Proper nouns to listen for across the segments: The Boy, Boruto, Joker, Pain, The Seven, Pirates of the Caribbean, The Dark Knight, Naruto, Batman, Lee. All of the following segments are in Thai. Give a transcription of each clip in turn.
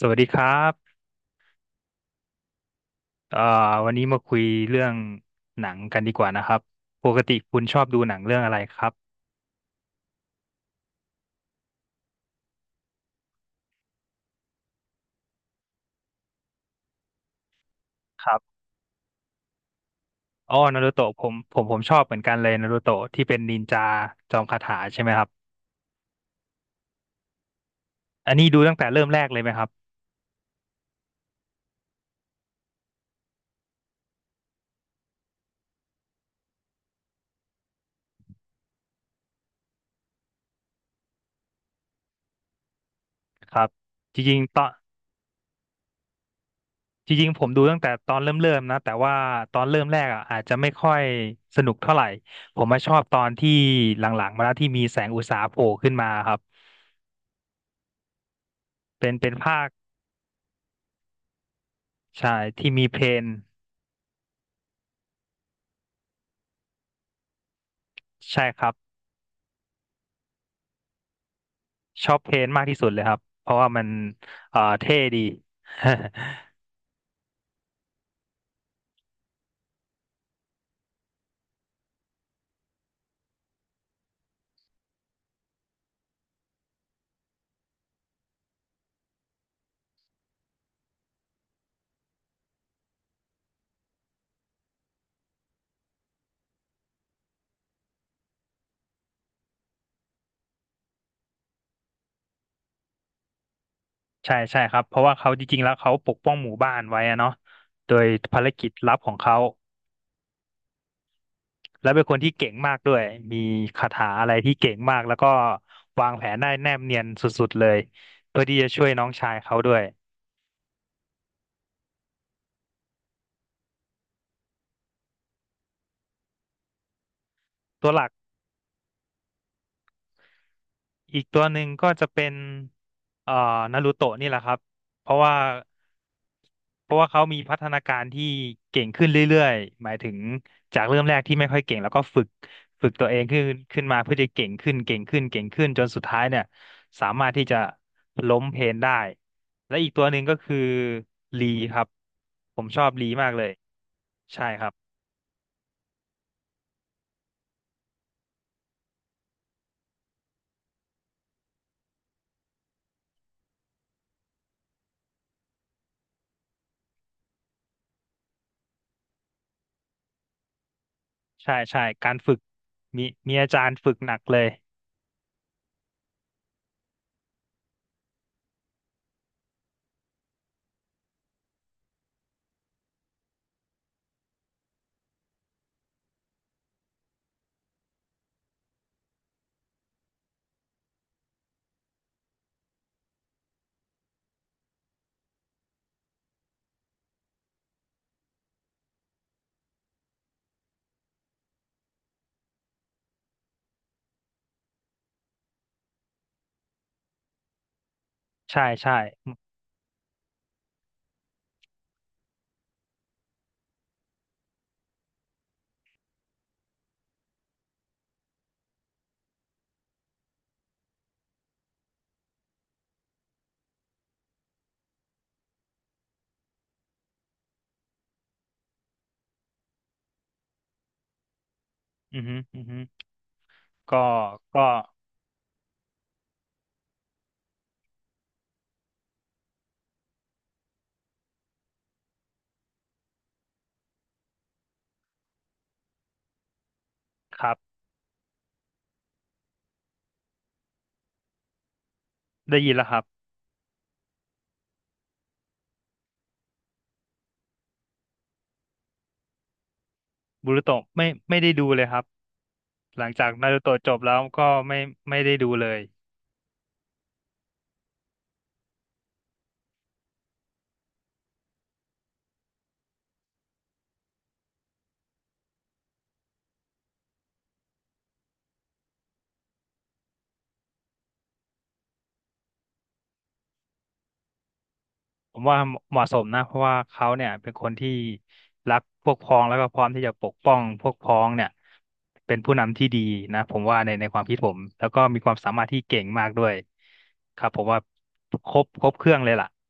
สวัสดีครับเอ่อวันนี้มาคุยเรื่องหนังกันดีกว่านะครับปกติคุณชอบดูหนังเรื่องอะไรครับครับอ๋อนารูโตะผมชอบเหมือนกันเลยนารูโตะที่เป็นนินจาจอมคาถาใช่ไหมครับอันนี้ดูตั้งแต่เริ่มแรกเลยไหมครับครับจริงๆตอนจริงๆผมดูตั้งแต่ตอนเริ่มนะ แต่ว่าตอนเริ่มแรกอ่ะอาจจะไม่ค่อยสนุกเท่าไหร่ ผมมาชอบตอนที่หลังๆมาแล้วที่มีแสงอุตสาหะโผล่ขึ้นมาครับเป็นภาคใช่ที่มีเพลนใช่ครับ ชอบเพนมากที่สุดเลยครับเพราะว่ามันเท่ดี ใช่ใช่ครับเพราะว่าเขาจริงๆแล้วเขาปกป้องหมู่บ้านไว้อะเนาะโดยภารกิจลับของเขาแล้วเป็นคนที่เก่งมากด้วยมีคาถาอะไรที่เก่งมากแล้วก็วางแผนได้แนบเนียนสุดๆเลยเพื่อที่จะช่วยน้องชายเขาด้วยตัวหลัก อีกตัวหนึ่งก็จะเป็นเอ่อนารูโตะนี่แหละครับ เพราะว่าเพราะว่าเขามีพัฒนาการที่เก่งขึ้นเรื่อยๆหมายถึงจากเริ่มแรกที่ไม่ค่อยเก่งแล้วก็ฝึกตัวเองขึ้นมาเพื่อจะเก่งขึ้นเก่งขึ้นเก่งขึ้นจนสุดท้ายเนี่ยสามารถที่จะล้มเพลนได้ และอีกตัวหนึ่งก็คือลีครับ ผมชอบลีมากเลย ใช่ครับใช่ใช่ การฝึกมีมีอาจารย์ฝึกหนักเลยใช่ใช่อือฮึอือฮึ ก็ก็ครับได้ยินแล้วครับบูรุโตะไม่ได้ดูเลยครับหลังจากนารูโตะจบแล้วก็ไม่ไม่ได้ดูเลยผมว่าเหมาะสมนะเพราะว่าเขาเนี่ยเป็นคนที่รักพวกพ้องแล้วก็พร้อมที่จะปกป้องพวกพ้องเนี่ยเป็นผู้นำที่ดีนะผมว่าในความคิดผมแล้วก็มีความสามารถที่เก่งมากด้วยครับผมว่าครบเครื่องเลยล่ะ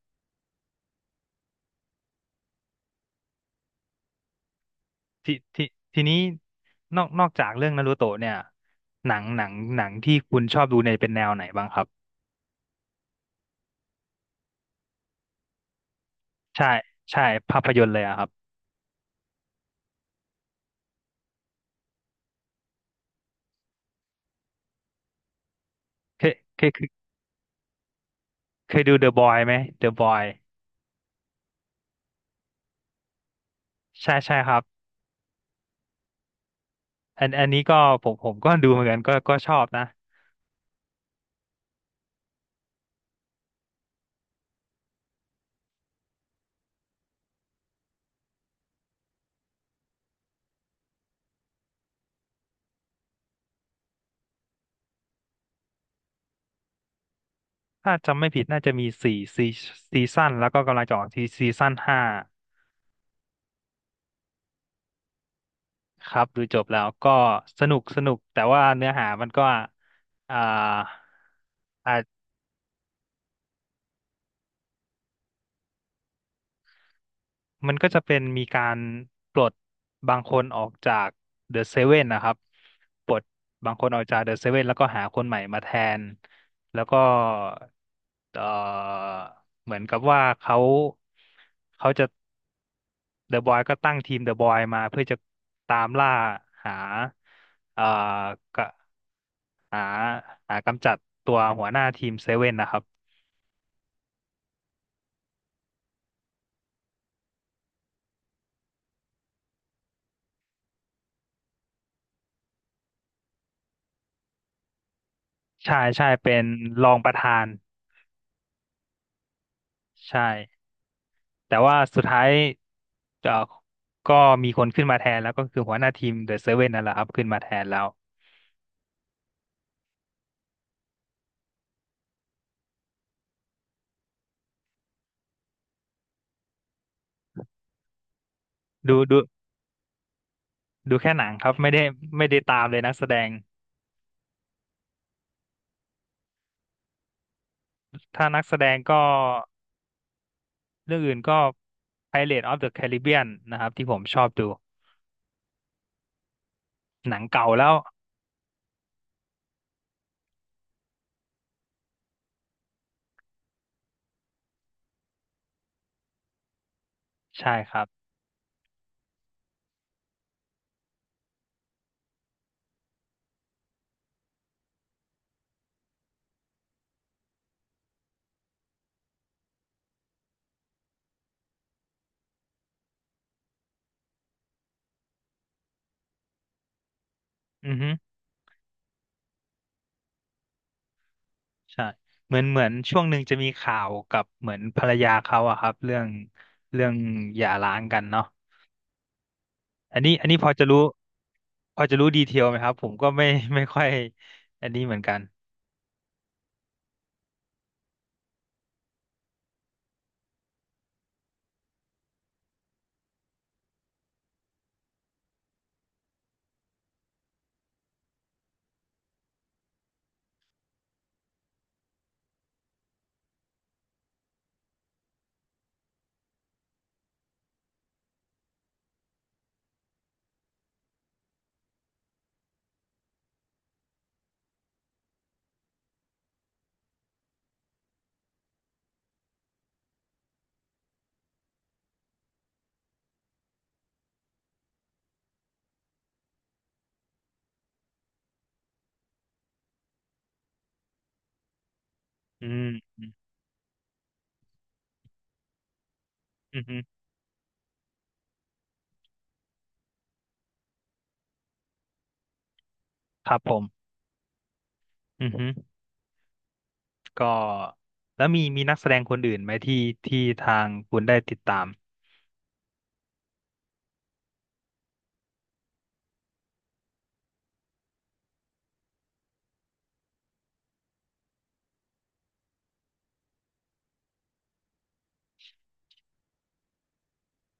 ทีทีทีนี้นอกจากเรื่องนารูโตะเนี่ยหนังที่คุณชอบดูเนี่ยเป็นแนวไหนบ้างครับ ใช่ใช่ภาพยนตร์เลยอะครับเคยเคยเคยเคยดู The Boy ไหม The Boy ใช่ใช่ครับอันนี้ก็ผมก็ดูเหมือนกันก็ชอบนะถ้าจำไม่ผิดน่าจะมีซีซั่นแล้วก็กำลังจะออกที่ซีซั่นห้าครับดูจบแล้วก็สนุกสนุกแต่ว่าเนื้อหามันก็อ่า มันก็จะเป็นมีการปลดบางคนออกจากเดอะเซเว่นนะครับปลดบางคนออกจากเดอะเซเว่นแล้วก็หาคนใหม่มาแทนแล้วก็เอ่อเหมือนกับว่าเขาเขาจะเดอะบอยก็ตั้งทีมเดอะบอยมาเพื่อจะตามล่าหาเอ่อกะหาหากำจัดตัวหัวหน้าทีมเซเว่นนะครับใช่ใช่เป็นรองประธานใช่ แต่ว่าสุดท้ายเอ่อก็มีคนขึ้นมาแทนแล้วก็คือหัวหน้าทีมเดอะเซเว่นนั่นแหละครับขึ้นมาแทนแล้วดูดูดูแค่หนังครับไม่ได้ตามเลยนักแสดงถ้านักแสดงก็เรื่องอื่นก็ Pirates of the Caribbean นะครับที่ผมชอบดูหนังเก่าแล้วใช่ครับอือฮึใช่เหมือนเหมือนช่วงหนึ่งจะมีข่าวกับเหมือนภรรยาเขาอะครับเรื่องหย่าร้างกันเนาะอันนี้พอจะรู้ พอจะรู้ดีเทลไหมครับผมก็ไม่ ไม่ค่อยอันนี้เหมือนกันอืมอือฮึครับผมอือฮึก็แล้วมีนักแสดงคนอื่นไหมที่ที่ทางคุณได้ติดตาม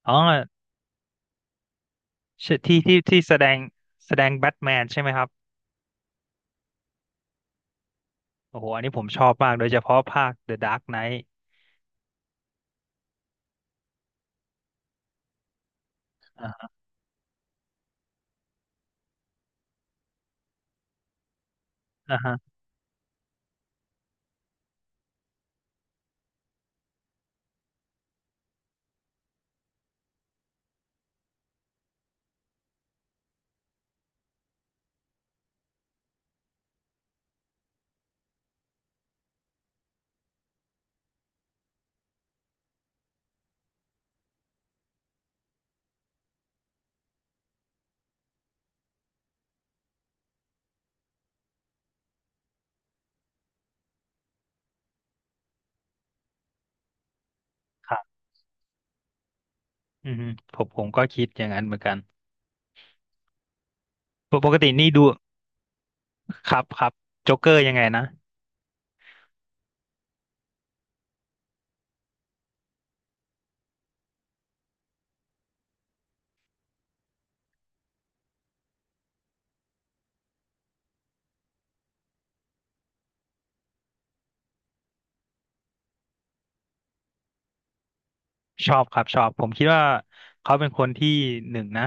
อ๋อชื่อที่แสดงแสดงแบทแมนใช่ไหมครับโอ้โหอันนี้ผมชอบมากโดยเฉพาะภาค The Dark Knight อ่าฮะอ่าฮะครับอือฮึผมก็คิดอย่างนั้นเหมือนกันกปกตินี่ดูครับโจ๊กเกอร์ยังไงนะ ชอบครับชอบผมคิดว่าเขาเป็นคนที่หนึ่งนะ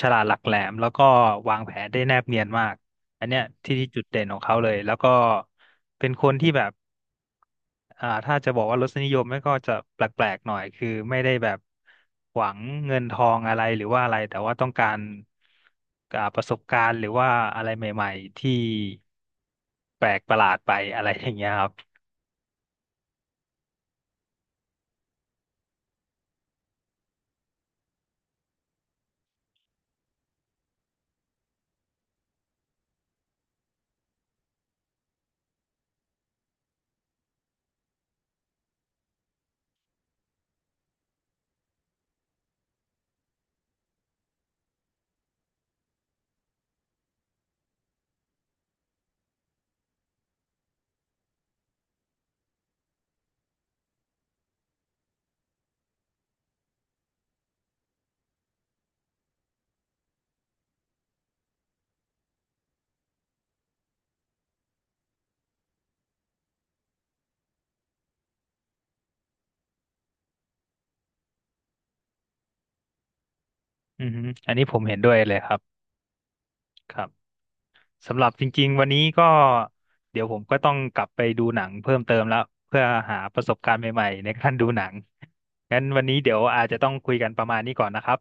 ฉลาดหลักแหลมแล้วก็วางแผนได้แนบเนียนมากอันเนี้ยที่จุดเด่นของเขาเลยแล้วก็เป็นคนที่แบบอ่าถ้าจะบอกว่ารสนิยมไม่ก็จะแปลกๆหน่อยคือไม่ได้แบบหวังเงินทองอะไรหรือว่าอะไรแต่ว่าต้องการอ่าประสบการณ์หรือว่าอะไรใหม่ๆที่แปลกประหลาดไปอะไรอย่างเงี้ยครับอือฮึอันนี้ผมเห็นด้วยเลยครับครับ สำหรับจริงๆวันนี้ก็เดี๋ยวผมก็ต้องกลับไปดูหนังเพิ่มเติมแล้วเพื่อหาประสบการณ์ใหม่ๆในการดูหนังงั้นวันนี้เดี๋ยวอาจจะต้องคุยกันประมาณนี้ก่อนนะครับ